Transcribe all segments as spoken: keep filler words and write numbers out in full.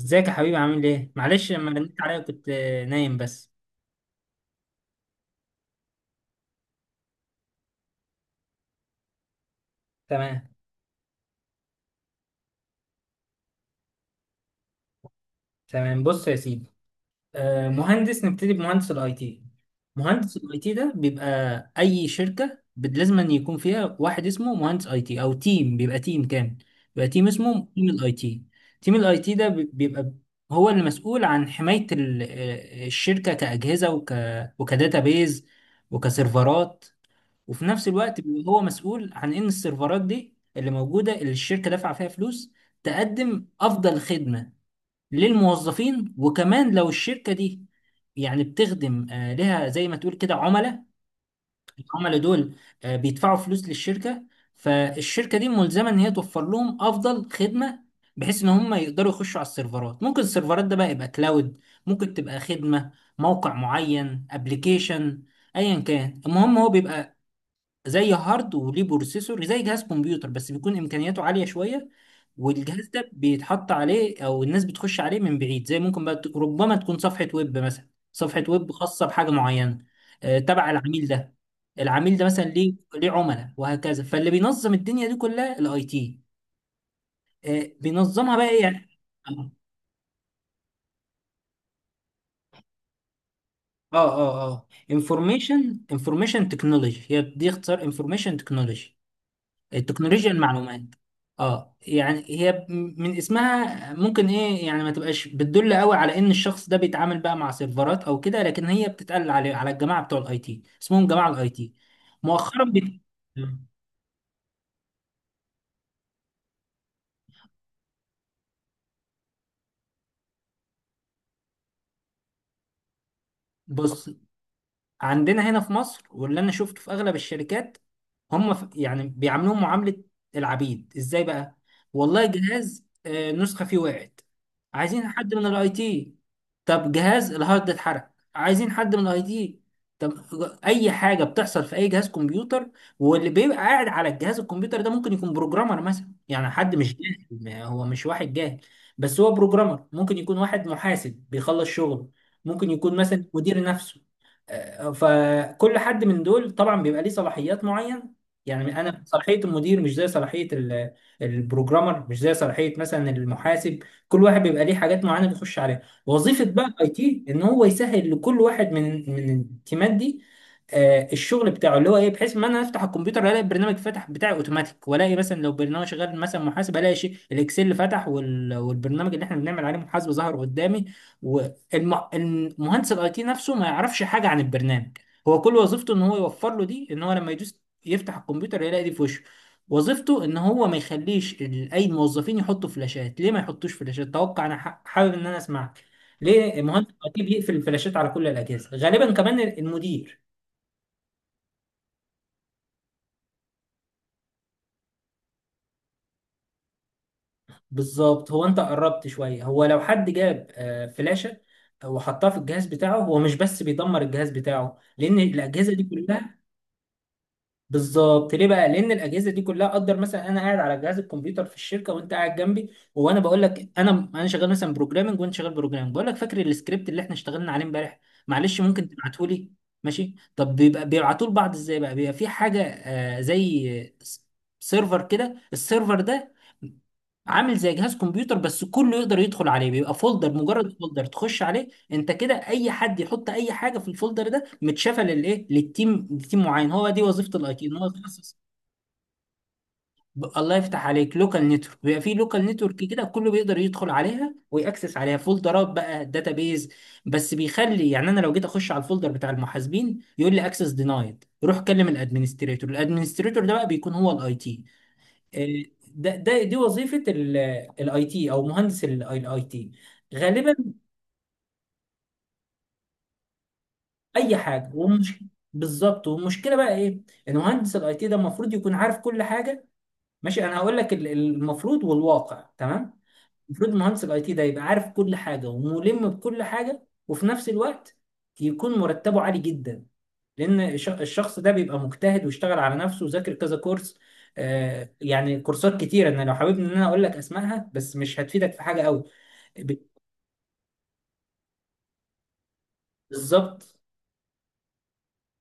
ازيك يا حبيبي؟ عامل ايه؟ معلش، لما رنيت عليا كنت آه، نايم بس. تمام. تمام، بص يا سيدي. آه، مهندس، نبتدي بمهندس الاي تي. مهندس الاي تي ده بيبقى اي شركة بد- لازم أن يكون فيها واحد اسمه مهندس اي تي او تيم، بيبقى تيم كامل، بيبقى تيم اسمه تيم الاي تي. تيم الاي تي ده بي- بيبقى هو اللي مسؤول عن حماية ال- آه، الشركة كأجهزة، وك، وكداتابيز، وكسيرفرات. وفي نفس الوقت بيبقى هو مسؤول عن ان السيرفرات دي اللي موجوده، اللي الشركه دافعه فيها فلوس، تقدم افضل خدمه للموظفين. وكمان لو الشركه دي يعني بتخدم آه، لها زي ما تقول كده عملاء، العملاء دول آه، بيدفعوا فلوس للشركه، فالشركه دي ملزمه ان هي توفر لهم افضل خدمه، بحيث ان هم يقدروا يخشوا على السيرفرات. ممكن السيرفرات ده بقى يبقى كلاود، ممكن تبقى خدمه، موقع معين، ابلكيشن، ايا كان. المهم هو بيبقى زي هارد وليه بروسيسور، زي جهاز كمبيوتر بس بيكون امكانياته عاليه شويه. والجهاز ده بيتحط عليه او الناس بتخش عليه من بعيد، زي ممكن بقى ت- ربما تكون صفحه ويب مثلا، صفحه ويب خاصه بحاجه معينه آه، تبع العميل ده. العميل ده مثلا ليه ليه عملاء وهكذا، فاللي بينظم الدنيا دي كلها الاي تي آه، بينظمها بقى، ايه يعني. اه اه اه انفورميشن، انفورميشن تكنولوجي، هي دي اختصار انفورميشن تكنولوجي، التكنولوجيا المعلومات. اه، يعني هي من اسمها ممكن، ايه يعني، ما تبقاش بتدل قوي على ان الشخص ده بيتعامل بقى مع سيرفرات او كده، لكن هي بتتقال على على الجماعه بتوع الاي تي، اسمهم جماعه الاي تي. مؤخرا بت... بص، عندنا هنا في مصر، واللي انا شفته في اغلب الشركات، هم ف- يعني بيعاملوهم معاملة العبيد. ازاي بقى؟ والله جهاز، آه، نسخة فيه وقعت، عايزين حد من الاي تي. طب جهاز الهارد اتحرق، عايزين حد من الاي تي. طب، اي حاجة بتحصل في اي جهاز كمبيوتر، واللي بيبقى قاعد على الجهاز الكمبيوتر ده ممكن يكون بروجرامر مثلا، يعني حد مش جاهل، ما هو مش واحد جاهل، بس هو بروجرامر. ممكن يكون واحد محاسب بيخلص شغله، ممكن يكون مثلا مدير نفسه. آه، فكل حد من دول طبعا بيبقى ليه صلاحيات معينه. يعني انا صلاحيه المدير مش زي صلاحيه ال- البروجرامر، مش زي صلاحيه مثلا المحاسب. كل واحد بيبقى ليه حاجات معينه بيخش عليها. وظيفه بقى الاي تي ان هو يسهل لكل واحد من من التيمات دي آه، الشغل بتاعه، اللي هو ايه، بحيث ما انا افتح الكمبيوتر الاقي البرنامج فتح بتاعي اوتوماتيك، والاقي مثلا لو برنامج شغال، مثلا محاسبه، الاقي شيء الاكسل فتح وال... والبرنامج اللي احنا بنعمل عليه محاسبه ظهر قدامي. والمهندس الاي تي نفسه ما يعرفش حاجه عن البرنامج، هو كل وظيفته ان هو يوفر له دي، ان هو لما يدوس يفتح الكمبيوتر يلاقي دي في وشه. وظيفته ان هو ما يخليش ال- اي موظفين يحطوا فلاشات. ليه ما يحطوش فلاشات؟ توقع، انا ح- حابب ان انا اسمعك، ليه مهندس الاي تي بيقفل الفلاشات على كل الاجهزه غالبا، كمان المدير؟ بالظبط، هو انت قربت شويه. هو لو حد جاب آه، فلاشه وحطها في الجهاز بتاعه، هو مش بس بيدمر الجهاز بتاعه، لان الاجهزه دي كلها، بالظبط. ليه بقى؟ لان الاجهزه دي كلها، اقدر مثلا انا قاعد على جهاز الكمبيوتر في الشركه وانت قاعد جنبي، وانا بقول لك: انا انا شغال مثلا بروجرامنج وانت شغال بروجرامنج، بقول لك: فاكر السكريبت اللي احنا اشتغلنا عليه امبارح؟ معلش ممكن تبعته لي؟ ماشي. طب بيبقى بيبعتوه لبعض ازاي بقى؟ بيبقى في حاجه آه، زي سيرفر كده. السيرفر ده عامل زي جهاز كمبيوتر بس كله يقدر يدخل عليه، بيبقى فولدر، مجرد فولدر تخش عليه انت كده. اي حد يحط اي حاجه في الفولدر ده متشافه للايه، للتيم، لتيم معين. هو دي وظيفه الاي تي، ان هو يخصص. ب- الله يفتح عليك، لوكال نتورك. بيبقى في لوكال نتورك كده كله بيقدر يدخل عليها ويأكسس عليها، فولدرات بقى، داتابيز. بس بيخلي، يعني انا لو جيت اخش على الفولدر بتاع المحاسبين يقول لي: اكسس دينايد، روح كلم الادمنستريتور. الادمنستريتور ده بقى بيكون هو الاي تي. ده ده دي وظيفه الاي تي، او مهندس الاي تي غالبا. اي حاجه، ومش، بالظبط. والمشكله بقى ايه؟ ان مهندس الاي تي ده المفروض يكون عارف كل حاجه. ماشي، انا هقول لك ال- المفروض والواقع. تمام، المفروض مهندس الاي تي ده يبقى عارف كل حاجه، وملم بكل حاجه، وفي نفس الوقت يكون مرتبه عالي جدا، لان الش- الشخص ده بيبقى مجتهد واشتغل على نفسه وذاكر كذا كورس. آه، يعني كورسات كتيره، انا لو حابب ان انا اقول لك اسمائها بس مش هتفيدك في حاجه قوي. ب- بالظبط.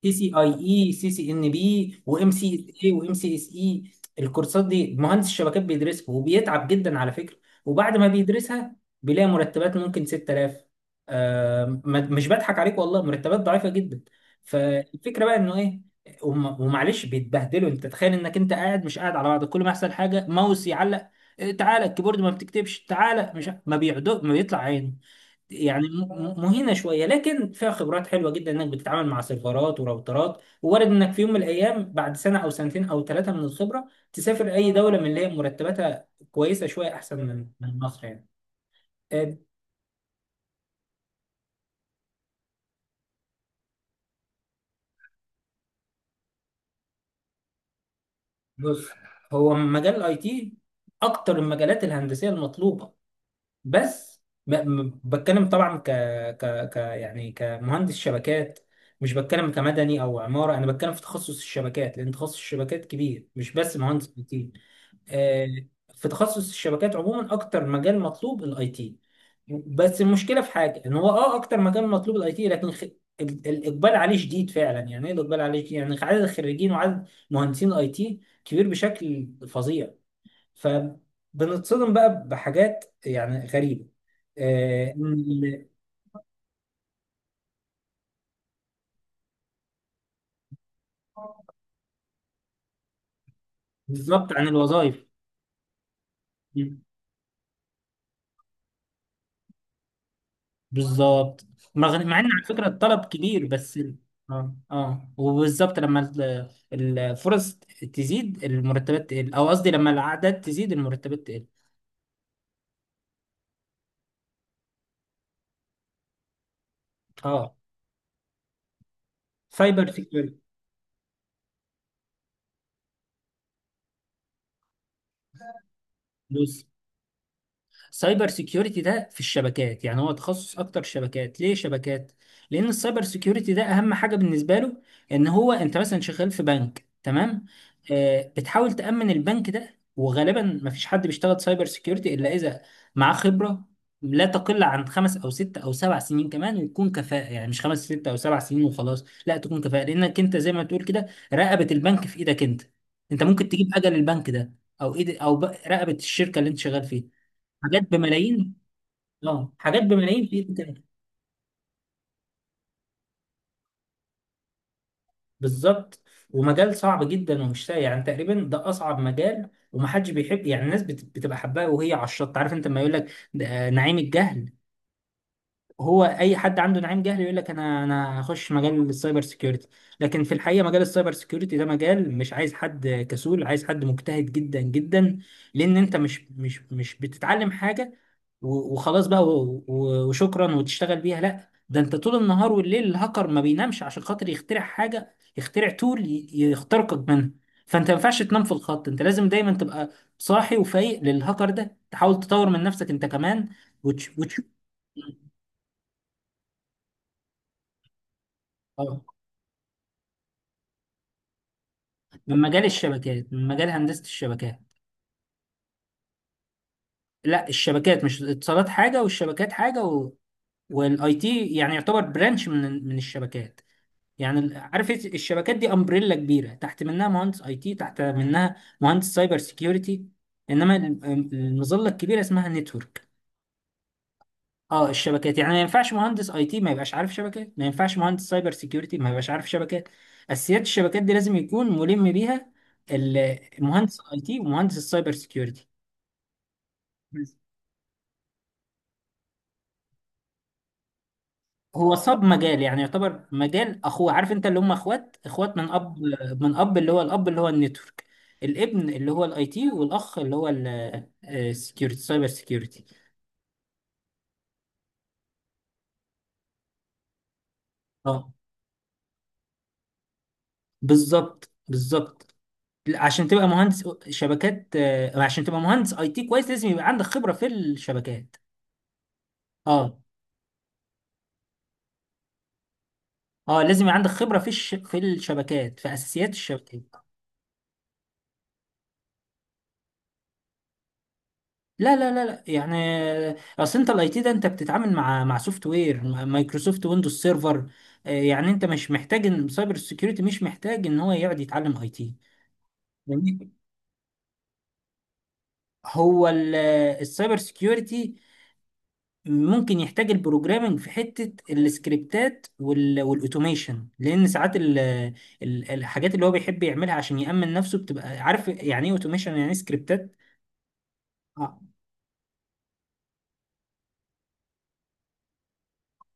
اي سي اي، اي سي سي ان بي، وام سي اس اي، وام سي اس اي. الكورسات دي مهندس الشبكات بيدرسها وبيتعب جدا على فكره. وبعد ما بيدرسها بيلاقي مرتبات ممكن ستة آلاف. آه ما- مش بضحك عليك والله، مرتبات ضعيفه جدا. فالفكره بقى انه ايه؟ وم- ومعلش بيتبهدلوا. انت تخيل انك انت قاعد، مش قاعد على بعض، كل ما يحصل حاجه، ماوس يعلق، إيه، تعالى، الكيبورد ما بتكتبش، تعالى. مش ع- ما بيعدو ما بيطلع عينه، يعني م- م- مهينه شويه، لكن فيها خبرات حلوه جدا، انك بتتعامل مع سيرفرات وراوترات. وارد انك في يوم من الايام بعد سنه او سنتين او تلاتة من الخبره تسافر اي دوله من اللي هي مرتباتها كويسه شويه، احسن من من مصر يعني. آه، بص، هو مجال الاي تي اكتر المجالات الهندسيه المطلوبه، بس ب- م- بتكلم طبعا ك ك ك يعني كمهندس شبكات، مش بتكلم كمدني او عماره. انا بتكلم في تخصص الشبكات، لان تخصص الشبكات كبير، مش بس مهندس اي تي. آه، في تخصص الشبكات عموما اكتر مجال مطلوب الاي تي. بس المشكله في حاجه، ان هو اه اكتر مجال مطلوب الاي تي، لكن خ... ال- الاقبال عليه شديد فعلا. يعني ايه الاقبال عليه شديد؟ يعني عدد الخريجين وعدد مهندسين الاي تي كبير بشكل فظيع، فبنتصدم بقى بحاجات يعني غريبه. آه، إن- بالظبط، عن الوظائف بالظبط. مع مع ان على فكره الطلب كبير، بس ال- اه اه. وبالظبط لما ال- الفرص تزيد المرتبات تقل، او قصدي لما الاعداد تزيد المرتبات تقل. اه، سايبر سيكيورتي. سايبر سيكيورتي ده في الشبكات، يعني هو تخصص اكتر شبكات. ليه شبكات؟ لان السايبر سيكيورتي ده اهم حاجه بالنسبه له ان هو، انت مثلا شغال في بنك، تمام؟ آه، بتحاول تامن البنك ده. وغالبا ما فيش حد بيشتغل سايبر سيكيورتي الا اذا معاه خبره لا تقل عن خمس او ست او سبع سنين، كمان ويكون كفاءه. يعني مش خمس ست او سبع سنين وخلاص، لا، تكون كفاءه، لانك انت زي ما تقول كده رقبه البنك في ايدك انت. انت ممكن تجيب اجل البنك ده، او ايد او ب- رقبه الشركه اللي انت شغال فيها. حاجات بملايين، اه حاجات بملايين في ايد تاني. بالظبط. ومجال صعب جدا ومش سهل، يعني تقريبا ده اصعب مجال ومحدش بيحب. يعني الناس بت- بتبقى حباه وهي على الشط، عارف انت لما يقول لك ده- آه، نعيم الجهل؟ هو اي حد عنده نعيم جهل يقول لك انا انا هخش مجال السايبر سيكيورتي، لكن في الحقيقه مجال السايبر سيكيورتي ده مجال مش عايز حد كسول، عايز حد مجتهد جدا جدا، لان انت مش مش مش بتتعلم حاجه و- وخلاص بقى و- و- وشكرا وتشتغل بيها. لا، ده انت طول النهار والليل، الهاكر ما بينامش عشان خاطر يخترع حاجه، يخترع تول ي- يخترقك منها. فانت ما ينفعش تنام في الخط، انت لازم دايما تبقى صاحي وفايق للهاكر ده، تحاول تطور من نفسك انت كمان، وتش... وتشوف. آه. من مجال الشبكات، من مجال هندسة الشبكات. لا، الشبكات مش الاتصالات حاجة والشبكات حاجة. و... والاي تي يعني يعتبر برانش من من الشبكات. يعني ال- عارف إيه؟ الشبكات دي امبريلا كبيرة، تحت منها مهندس اي تي، تحت منها مهندس سايبر سيكيورتي. انما ال- المظلة الكبيرة اسمها نتورك. اه الشبكات، يعني ما ينفعش مهندس اي تي ما يبقاش عارف شبكات، ما ينفعش مهندس سايبر سيكيورتي ما يبقاش عارف شبكات. اساسيات الشبكات دي لازم يكون ملم بيها ال- مهندس الاي تي ومهندس السايبر سيكيورتي. هو صاب مجال، يعني يعتبر مجال اخوه. عارف انت اللي هم اخوات، اخوات من اب، من اب اللي هو الاب اللي هو النتورك، الابن اللي هو الاي تي، والاخ اللي هو السكيورتي، سايبر سكيورتي. اه، بالظبط بالظبط، عشان تبقى مهندس شبكات، آه، عشان تبقى مهندس اي تي كويس لازم يبقى عندك خبرة في الشبكات. اه اه لازم يبقى عندك خبرة في الش... في الشبكات، في اساسيات الشبكات. لا لا لا لا يعني اصل انت الاي تي ده، انت بتتعامل مع مع سوفت وير مايكروسوفت ويندوز سيرفر آه، يعني انت مش محتاج ان سايبر سيكيورتي مش محتاج ان هو يقعد يتعلم اي تي. جميل. هو ال- السايبر سيكيورتي ممكن يحتاج البروجرامنج في حتة السكريبتات وال- والاوتوميشن، لان ساعات ال- ال- الحاجات اللي هو بيحب يعملها عشان يأمن نفسه بتبقى، عارف يعني ايه اوتوميشن، يعني ايه سكريبتات.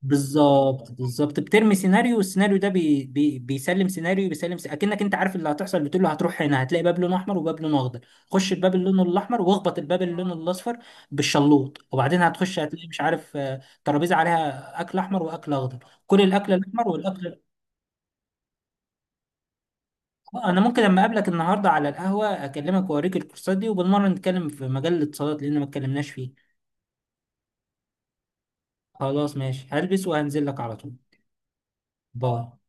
بالظبط بالظبط بترمي سيناريو، والسيناريو ده بي بي بيسلم سيناريو، بيسلم سيناريو. اكنك انت عارف اللي هتحصل، بتقول له: هتروح هنا هتلاقي باب لونه احمر وباب لونه اخضر، خش الباب اللي لونه الاحمر واخبط الباب اللي لونه الاصفر بالشلوط، وبعدين هتخش هتلاقي، مش عارف، آه، ترابيزه عليها اكل احمر واكل اخضر، كل الاكل الاحمر والاكل. آه، انا ممكن لما اقابلك النهارده على القهوه اكلمك واوريك الكورسات دي، وبالمره نتكلم في مجال الاتصالات لان ما اتكلمناش فيه. خلاص، ماشي، هلبس وهنزل لك على طول. باي.